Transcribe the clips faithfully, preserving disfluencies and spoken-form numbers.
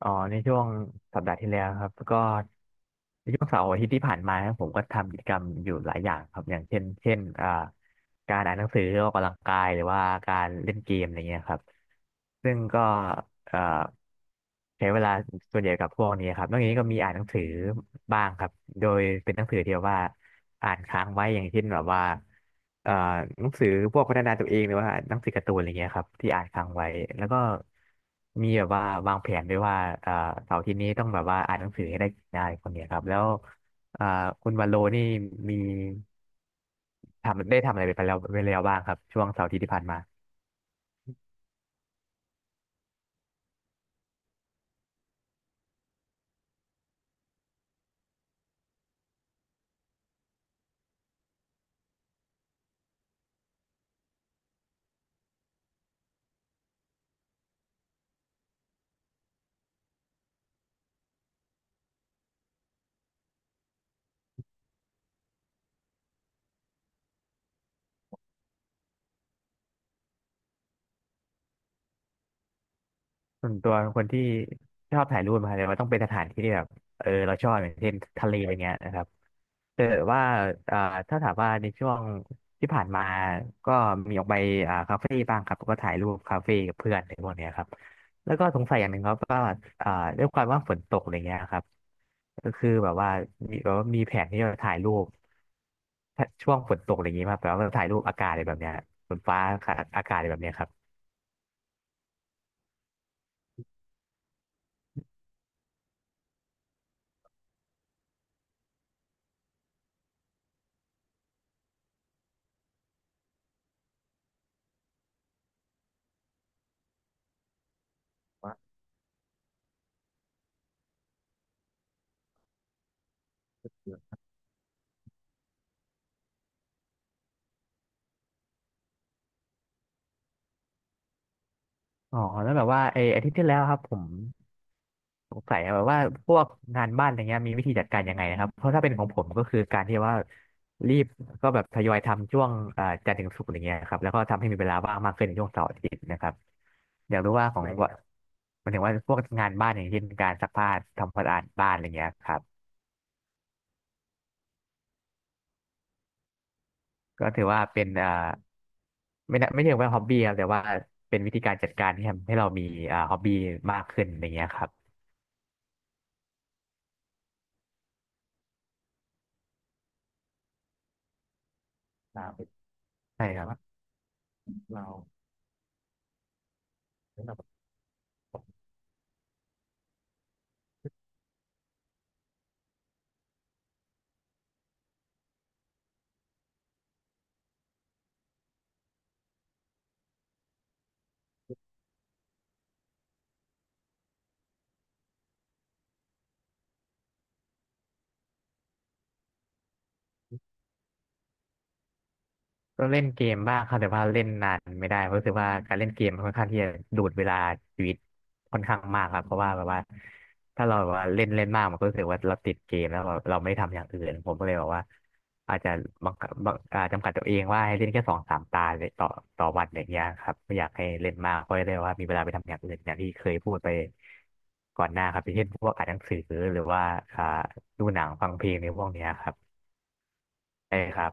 อ๋อในช่วงสัปดาห์ที่แล้วครับก็ในช่วงเสาร์อาทิตย์ที่ผ่านมาครับผมก็ทำกิจกรรมอยู่หลายอย่างครับอย่างเช่นเช่นอ่าการอ่านหนังสือออกกำลังกายหรือว่าการเล่นเกมอะไรเงี้ยครับซึ่งก็เอ่อใช้เวลาส่วนใหญ่กับพวกนี้ครับนอกจากนี้ก็มีอ่านหนังสือบ้างครับโดยเป็นหนังสือที่แบบว่าอ่านค้างไว้อย่างเช่นแบบว่าเอ่อหนังสือพวกพัฒนาตัวเองหรือว่าหนังสือการ์ตูนอะไรเงี้ยครับที่อ่านค้างไว้แล้วก็ มีแบบว่าวางแผนด้วยว่าเอ่อเสาร์อาทิตย์นี้ต้องแบบว่าอ่านหนังสือให้ได้ได้คนเนี้ยครับแล้วเอ่อคุณวันโลนี่มีทำได้ทำอะไรไปแล้วไปแล้วบ้างครับช่วงเสาร์อาทิตย์ที่ผ่านมาส่วนตัวเป็นคนที่ชอบถ่ายรูปมาเลยว่าต้องเป็นสถานที่ที่แบบเออเราชอบอย่างเช่นทะเลอย่างเงี้ยนะครับ เออว่าอ่าถ้าถามว่าในช่วงที่ผ่านมา ก็มีออกไปอ่าคาเฟ่บ้างครับ ก็ถ่ายรูปคาเฟ่กับเพื่อนอะไรพวกเนี้ยครับแล้วก็สงสัยอย่างหนึ่งครับว่าอ่าด้วยความว่าฝนตกอะไรเงี้ยครับก็คือแบบว่ามีแบบว่ามีแผนที่จะถ่ายรูปถ้าช่วงฝนตกอะไรเงงี้ยมาแบบว่าถ่ายรูปอากาศอะไรแบบเนี้ยฝนฟ้าอากาศอะไรแบบเนี้ยครับอ๋อแล้วแบบว่าไออาทิตย์ที่แล้วครับผม สงสัยอะแบบว่าพวกงานบ้านอะไรเงี้ยมีวิธีจัดการยังไงนะครับเพราะถ้าเป็นของผมก็คือการที่ว่ารีบก็แบบทยอยทำช่วงอ่าจันทร์ถึงศุกร์อะไรเงี้ยครับแล้วก็ทำให้มีเวลาว่างมากขึ้นในช่วงเสาร์อาทิตย์นะครับอยากรู้ว่าของใว่ามันถึงว่าพวกงานบ้านอย่างเช่นการซักผ้าทำความสะอาดบ้านอะไรเงี้ยครับก็ถือว่าเป็นอ่าไม่น่าไม่เรียกว่าฮ็อบบี้ครับแต่ว่าเป็นวิธีการจัดการที่ทำให้เรามีอ่าฮ็อบบี้มากขึ้นอะไรเงี้ยครับอ่าเป็นใช่ครับอเรา ก็เล่นเกมบ้างครับแต่ว่าเล่นนานไม่ได้เพราะรู้สึกว่าการเล่นเกมมันค่อนข้างที่จะดูดเวลาชีวิตค่อนข้างมากครับเพราะว่าแบบว่าถ้าเราแบบว่าเล่นเล่นมากมันก็รู้สึกว่าเราติดเกมแล้วเราเราไม่ได้ทำอย่างอื่นผมก็เลยบอกว่าอาจจะบังคับบังอ่าจำกัดตัวเองว่าให้เล่นแค่สองสามตาเลยต่อต่อวันอย่างเงี้ยครับไม่อยากให้เล่นมากเพราะเลยว่ามีเวลาไปทำอย่างอื่นอย่างที่เคยพูดไปก่อนหน้าครับอย่างเช่นพวกอ่านหนังสือหรือว่าอ่าดูหนังฟังเพลงในพวกเนี้ยครับใช่ครับ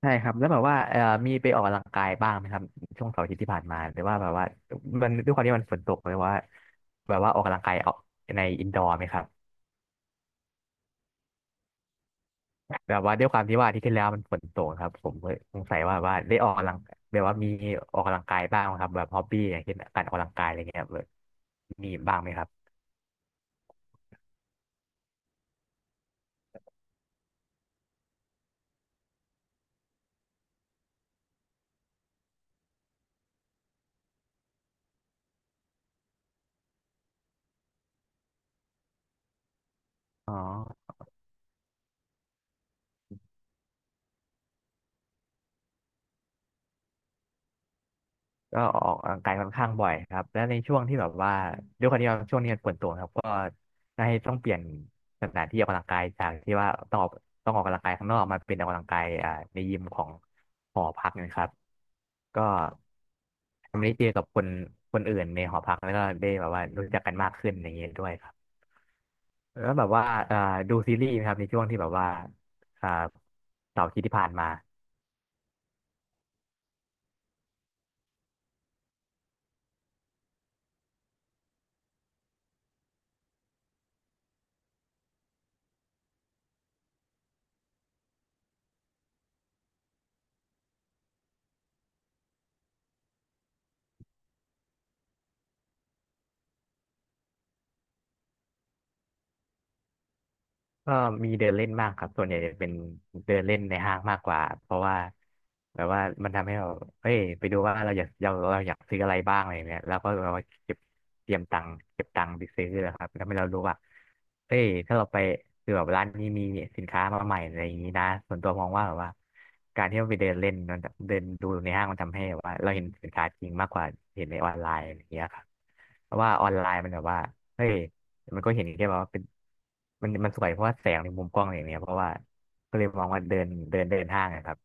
ใช่ครับแล้วแบบว่าเอ่อมีไปออกกำลังกายบ้างไหมครับช่วงเสาร์อาทิตย์ที่ผ่านมาหรือว่าแบบว่ามันด้วยความที่มันฝนตกเลยว่าแบบว่าออกกำลังกายเอาในอินดอร์ไหมครับแบบว่าด้วยความที่ว่าอาที่ที่แล้วมันฝนตกครับผมก็สงสัยว่าว่าได้ออกกำลังแบบว่ามีออกกำลังกายบ้างไหมครับแบบฮอบบี้อย่างเช่นการออกกำลังกายอะไรเงี้ยแบบมีบ้างไหมครับอ๋อ ก็ออกกำลังกายค่อนข้างบ่อยครับแล้วในช่วงที่แบบว่าด้วยความที่ว่าช่วงนี้มันฝนตกครับก็ได้ต้องเปลี่ยนสถานที่ออกกำลังกายจากที่ว่าต้องออกต้องออกกำลังกายข้างนอกมาเป็นออกกำลังกายอ่าในยิมของหอพักนะครับก็ทำให้ได้เจอกับคนคนอื่นในหอพักแล้วก็ได้แบบว่ารู้จักกันมากขึ้นอย่างเงี้ยด้วยครับแล้วแบบว่าอ่าดูซีรีส์ไหมครับในช่วงที่แบบว่าอ่าเสาร์อาทิตย์ที่ผ่านมา ก็มีเดินเล่นบ้างครับส่วนใหญ่จะเป็นเดินเล่นในห้างมากกว่าเพราะว่าแบบว่ามันทำให้เราเอ้ยไปดูว่าเราอยากเราเราอยากซื้ออะไรบ้างอะไรเงี้ยแล้วก็เราเก็บเตรียมตังค์เก็บตังค์ไปซื้อนะครับแล้วให้เรารู้ว่าเอ้ยถ้าเราไปคือแบบร้านนี้มีสินค้ามาใหม่อะไรอย่างนี้นะส่วนตัวมองว่าแบบว่าการที่เราไปเดินเล่นมันเดินดูในห้างมันทำให้แบบว่าเราเห็นสินค้าจริงมากกว่าเห็นในออนไลน์อย่างเงี้ยครับเพราะว่าออนไลน์มันแบบว่าเฮ้ย มันก็เห็นแค่แบบว่าเป็นมันมันสวยเพราะว่าแสงในมุมกล้องอะไรอย่างเงี้ยเพราะว่าก็เลยมองว่าเดินเดินเดินห้างนะครับ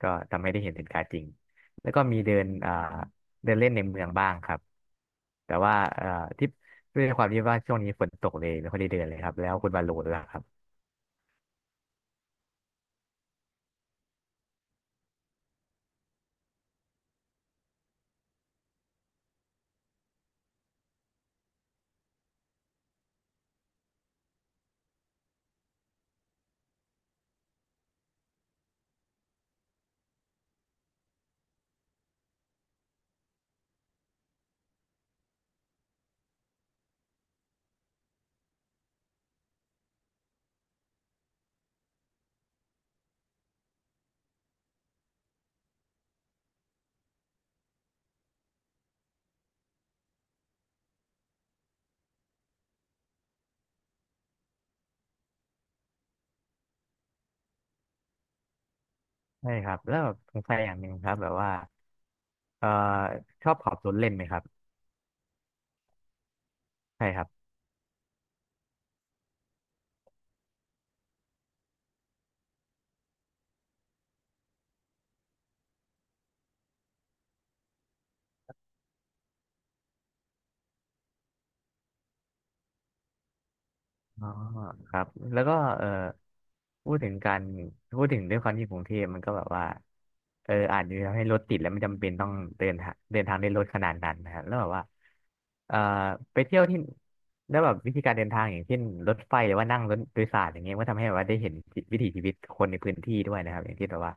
ก็ทำให้ได้เห็นสินค้าจริงแล้วก็มีเดินอ่าเดินเล่นในเมืองบ้างครับแต่ว่าเอ่อที่ด้วยความที่ว่าช่วงนี้ฝนตกเลยไม่ค่อยได้เดินเลยครับแล้วคุณบาโลด้วยล่ะครับใช่ครับแล้วสงสัยอย่างหนึ่งครับแบบว่าเอ่อชอบขับรถเล่นไหมครับใช่ครับ อ๋อครับแล้วก็เออพูดถึงการพูดถึงด้วยความที่กรุงเทพมันก็แบบว่าเอออาจจะทำให้รถติดแล้วไม่จำเป็นต้องเดินทางเดินทางด้วยรถขนาดนั้นนะฮะแล้วแบบว่าเอ่อไปเที่ยวที่แล้วแบบวิธีการเดินทางอย่างเช่นรถไฟหรือว่านั่งรถโดยสารอย่างเงี้ยก็ทำให้แบบว่าได้เห็นวิถีชีวิตคนในพื้นที่ด้วยนะครับอย่างที่แบบว่า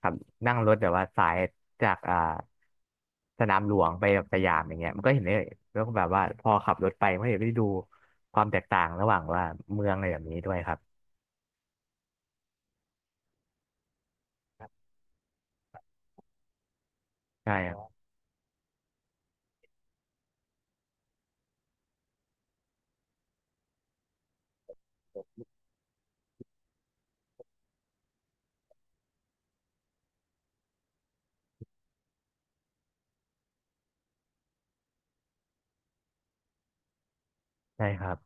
ครับนั่งรถแบบว่าสายจากอ่าสนามหลวงไปแบบสยามอย่างเงี้ยมันก็เห็นได้แล้วก็แบบว่าพอขับรถไปมันก็เห็นได้ดูความแตกต่างระหว่างว่าเมืองอะไรแบบนี้ด้วยครับใช่ครับใช่ครับ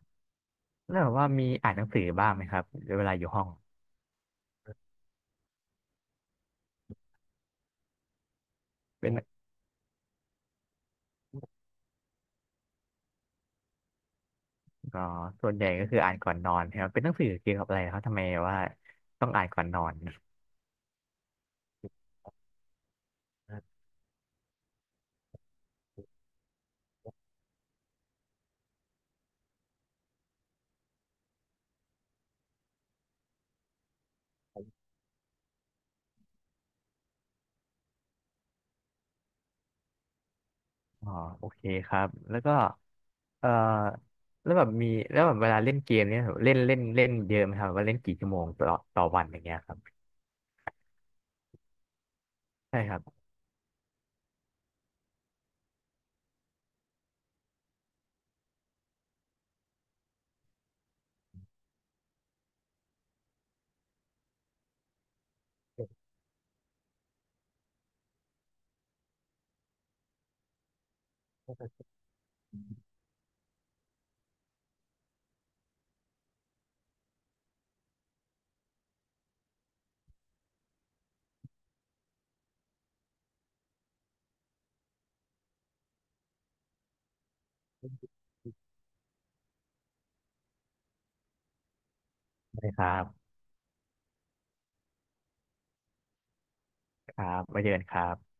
แล้วแบบว่ามีอ่านหนังสือบ้างไหมครับเวลาอยู่ห้องเป็นอ๋อส่วนใหญ่ก็คืออ่านก่อนนอนครับเป็นหนังสือเกี่ยวกับอะไรครับทำไมว่าต้องอ่านก่อนนอน อ๋อโอเคครับแล้วก็เอ่อแล้วแบบมีแล้วแบบเวลาเล่นเกมเนี่ยเล่นเล่นเล่นเยอะไหมครับว่าเล่นกี่ชั่วโมงต่อต่อวันอย่างเงี้ยครับใช่ครับได้ครับครับมาเจอกันครับ